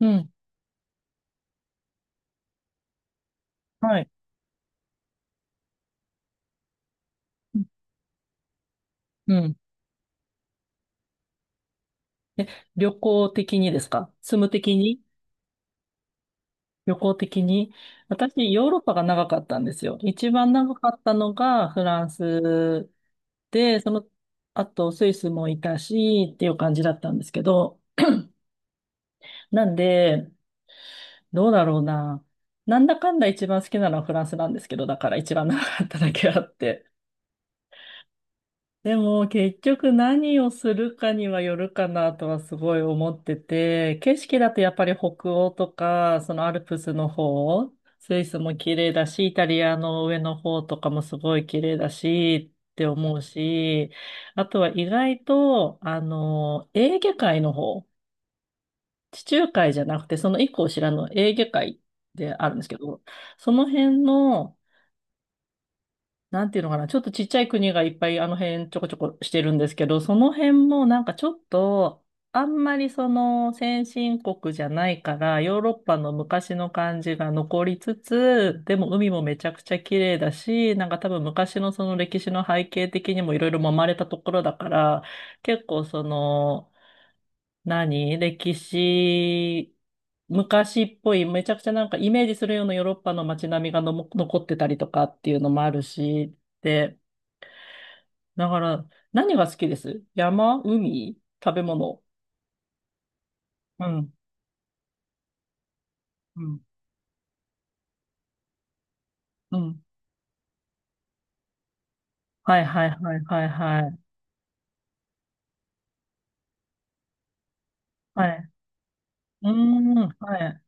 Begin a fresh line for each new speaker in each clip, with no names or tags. うん。はい。うん。え、旅行的にですか住む的に旅行的に私、ヨーロッパが長かったんですよ。一番長かったのがフランスで、その、あとスイスもいたし、っていう感じだったんですけど、なんで、どうだろうな。なんだかんだ一番好きなのはフランスなんですけど、だから一番長かっただけあって。でも結局何をするかにはよるかなとはすごい思ってて、景色だとやっぱり北欧とか、そのアルプスの方、スイスも綺麗だし、イタリアの上の方とかもすごい綺麗だしって思うし、あとは意外と、エーゲ海の方、地中海じゃなくてその一個後ろのエーゲ海であるんですけど、その辺のなんていうのかな、ちょっとちっちゃい国がいっぱいあの辺ちょこちょこしてるんですけど、その辺もなんかちょっと、あんまりその先進国じゃないから、ヨーロッパの昔の感じが残りつつ、でも海もめちゃくちゃ綺麗だし、なんか多分昔のその歴史の背景的にもいろいろ揉まれたところだから、結構その、何歴史、昔っぽい、めちゃくちゃなんかイメージするようなヨーロッパの街並みがのも残ってたりとかっていうのもあるし、で、だから、何が好きです山、海、食べ物。うん、うん、うん。はいはいはいはいはい。はい。うーん、はい。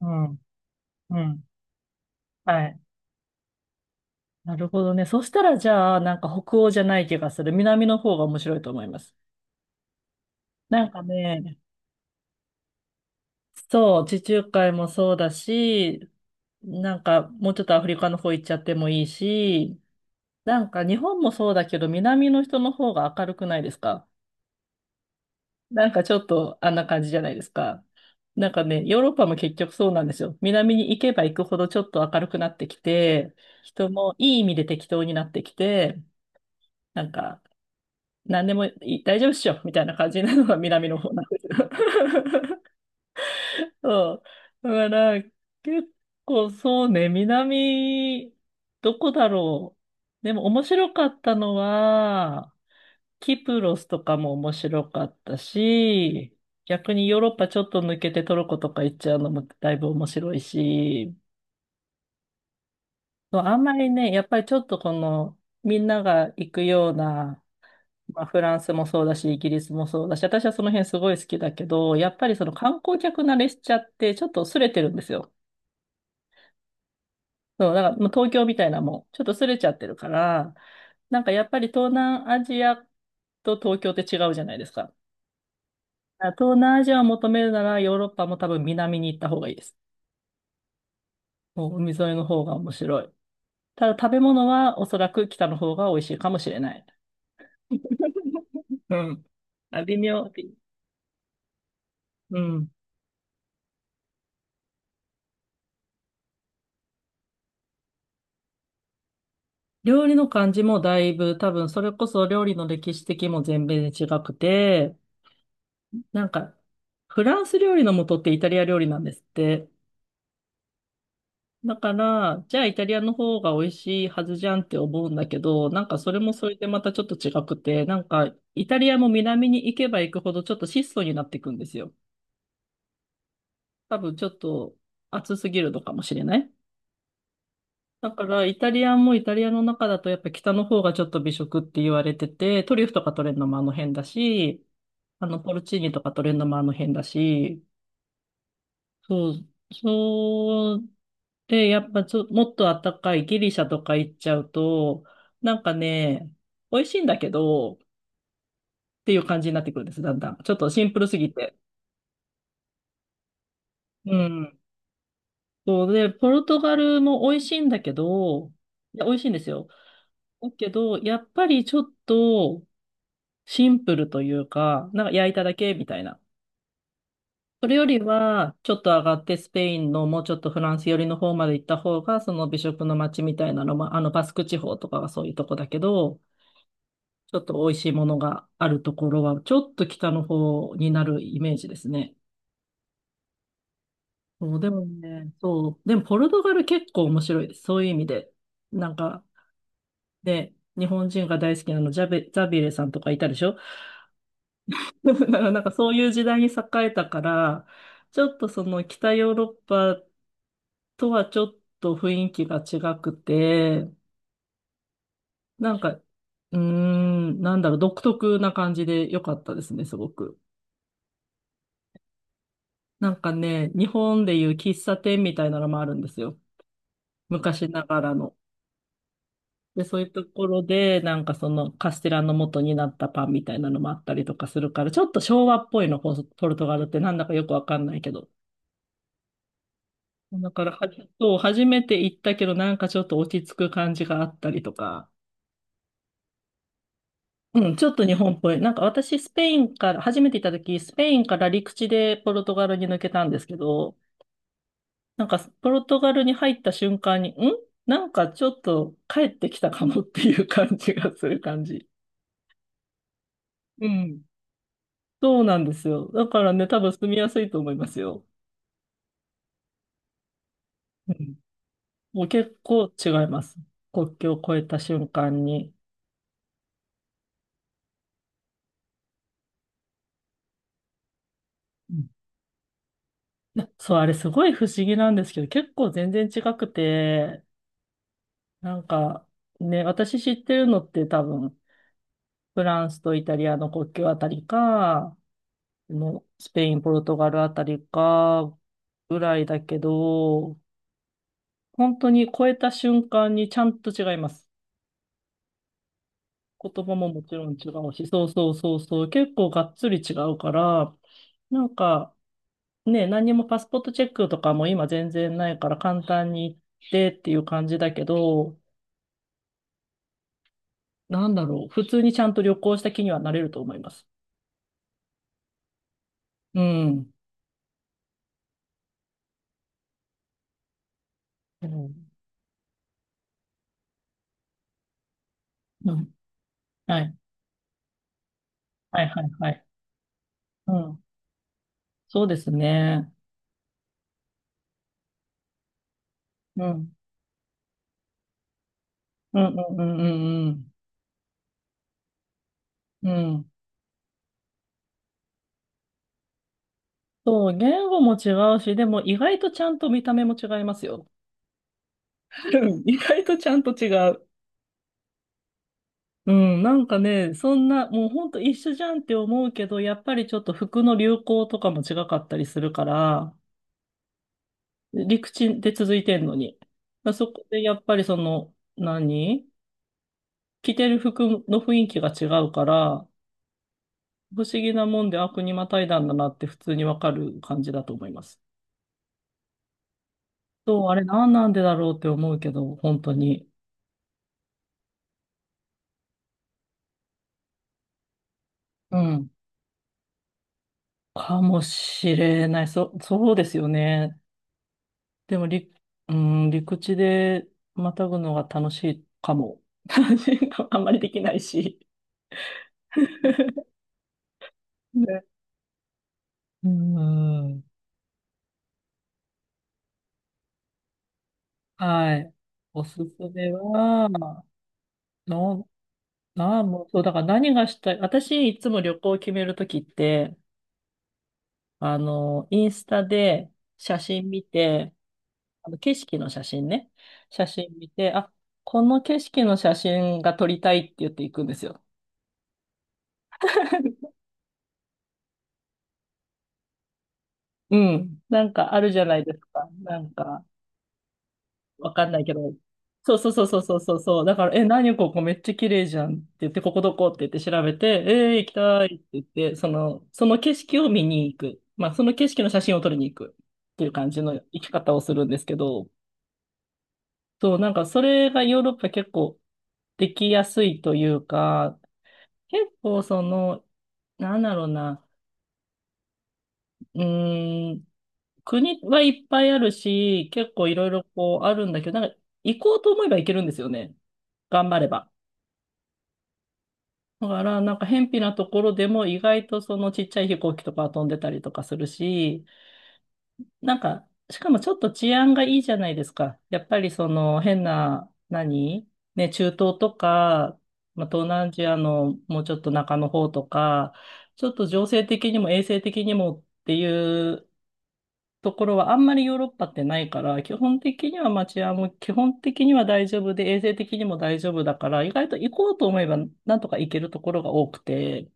うん、うん。はい。なるほどね。そしたらじゃあ、なんか北欧じゃない気がする。南の方が面白いと思います。なんかね、そう、地中海もそうだし、なんかもうちょっとアフリカの方行っちゃってもいいし、なんか日本もそうだけど、南の人の方が明るくないですか？なんかちょっとあんな感じじゃないですか。なんかね、ヨーロッパも結局そうなんですよ。南に行けば行くほどちょっと明るくなってきて、人もいい意味で適当になってきて、なんか何でもいい大丈夫っしょみたいな感じなのが南の方なんですよ。そう。だから、結構そうね、南、どこだろう。でも面白かったのは、キプロスとかも面白かったし、逆にヨーロッパちょっと抜けてトルコとか行っちゃうのもだいぶ面白いし、そうあんまりね、やっぱりちょっとこの、みんなが行くような、まあ、フランスもそうだし、イギリスもそうだし、私はその辺すごい好きだけど、やっぱりその観光客慣れしちゃって、ちょっと薄れてるんですよ。そう、だからもう東京みたいなもんちょっとすれちゃってるから、なんかやっぱり東南アジアと東京って違うじゃないですか。だから東南アジアを求めるならヨーロッパも多分南に行った方がいいです。もう海沿いの方が面白い。ただ食べ物はおそらく北の方が美味しいかもしれない。うん。あ、微妙。びうん。料理の感じもだいぶ多分それこそ料理の歴史的も全米で違くて、なんかフランス料理の元ってイタリア料理なんですって。だから、じゃあイタリアの方が美味しいはずじゃんって思うんだけど、なんかそれもそれでまたちょっと違くて、なんかイタリアも南に行けば行くほどちょっと質素になっていくんですよ。多分ちょっと暑すぎるのかもしれない。だからイタリアンもイタリアの中だとやっぱ北の方がちょっと美食って言われてて、トリュフとか取れるのもあの辺だし、あのポルチーニとか取れるのもあの辺だし、そう、そうで、やっぱちょ、もっとあったかいギリシャとか行っちゃうと、なんかね、美味しいんだけど、っていう感じになってくるんです、だんだん。ちょっとシンプルすぎて。うん。そうで、ポルトガルも美味しいんだけど、いや、美味しいんですよ。だけど、やっぱりちょっとシンプルというか、なんか焼いただけみたいな。それよりは、ちょっと上がってスペインのもうちょっとフランス寄りの方まで行った方が、その美食の街みたいなのも、バスク地方とかはそういうとこだけど、ちょっと美味しいものがあるところは、ちょっと北の方になるイメージですね。そう、でもね、そう、でもポルトガル結構面白いです。そういう意味で。なんか、で、日本人が大好きなの、ジャベ、ザビエレさんとかいたでしょ？ だから なんかそういう時代に栄えたから、ちょっとその北ヨーロッパとはちょっと雰囲気が違くて、なんか、なんだろう、独特な感じで良かったですね、すごく。なんかね、日本でいう喫茶店みたいなのもあるんですよ。昔ながらの。で、そういうところで、なんかそのカステラの元になったパンみたいなのもあったりとかするから、ちょっと昭和っぽいの、ポポルトガルってなんだかよくわかんないけど。だからはじ、そう、初めて行ったけど、なんかちょっと落ち着く感じがあったりとか。うん、ちょっと日本っぽい。なんか私、スペインから、初めて行った時、スペインから陸地でポルトガルに抜けたんですけど、なんかポルトガルに入った瞬間に、んなんかちょっと帰ってきたかもっていう感じがする感じ。うん。そうなんですよ。だからね、多分住みやすいと思いますよ。うん。もう結構違います。国境を越えた瞬間に。うんなそう、あれすごい不思議なんですけど、結構全然違くて、なんか、ね、私知ってるのって多分、フランスとイタリアの国境あたりか、のスペイン、ポルトガルあたりか、ぐらいだけど、本当に越えた瞬間にちゃんと違います。言葉ももちろん違うし、そうそうそうそう、結構がっつり違うから、なんかね、何にもパスポートチェックとかも今全然ないから簡単に行ってっていう感じだけど、なんだろう、普通にちゃんと旅行した気にはなれると思います。うん。うん。うんはい。はいはいはい。うん。そうですね。うん。うんうんうんうんうん。うん。そう、言語も違うし、でも意外とちゃんと見た目も違いますよ。うん意外とちゃんと違う。うん、なんかね、そんな、もうほんと一緒じゃんって思うけど、やっぱりちょっと服の流行とかも違かったりするから、陸地で続いてんのに。だそこでやっぱりその、何着てる服の雰囲気が違うから、不思議なもんで、あ、国またいだんだなって普通にわかる感じだと思います。そう、あれ何なんでだろうって思うけど、本当に。うん。かもしれない。そ、そうですよね。でも、り、うん、陸地でまたぐのが楽しいかも。楽しいかもあんまりできないし。ねうん。はい。おすすめは、の、なあ、もう、そう、だから何がしたい。私、いつも旅行を決めるときって、インスタで写真見て、あの景色の写真ね。写真見て、あ、この景色の写真が撮りたいって言っていくんですよ。うん。なんかあるじゃないですか。なんか、わかんないけど。そうそうそうそうそうそうそう。だから、え、何ここめっちゃ綺麗じゃんって言って、ここどこって言って調べて、行きたいって言って、その、その景色を見に行く。まあ、その景色の写真を撮りに行くっていう感じの行き方をするんですけど、そう、なんかそれがヨーロッパ結構できやすいというか、結構その、なんだろうな、うーん、国はいっぱいあるし、結構いろいろこうあるんだけど、なんか行こうと思えば行けるんですよね。頑張れば。だから、なんか、辺鄙なところでも意外とそのちっちゃい飛行機とか飛んでたりとかするし、なんか、しかもちょっと治安がいいじゃないですか。やっぱりその変な、何ね、中東とか、まあ、東南アジアのもうちょっと中の方とか、ちょっと情勢的にも衛生的にもっていうところはあんまりヨーロッパってないから、基本的にはまあ治安も基本的には大丈夫で、衛生的にも大丈夫だから、意外と行こうと思えばなんとか行けるところが多くて、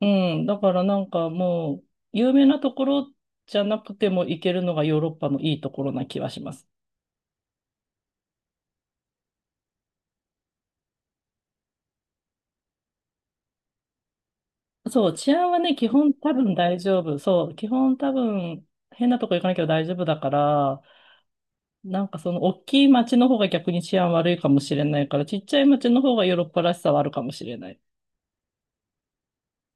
うん、だからなんかもう、有名なところじゃなくても行けるのがヨーロッパのいいところな気はします。そう、治安はね、基本多分大丈夫。そう、基本多分変なとこ行かなきゃ大丈夫だから、なんかその大きい街の方が逆に治安悪いかもしれないから、ちっちゃい街の方がヨーロッパらしさはあるかもしれない。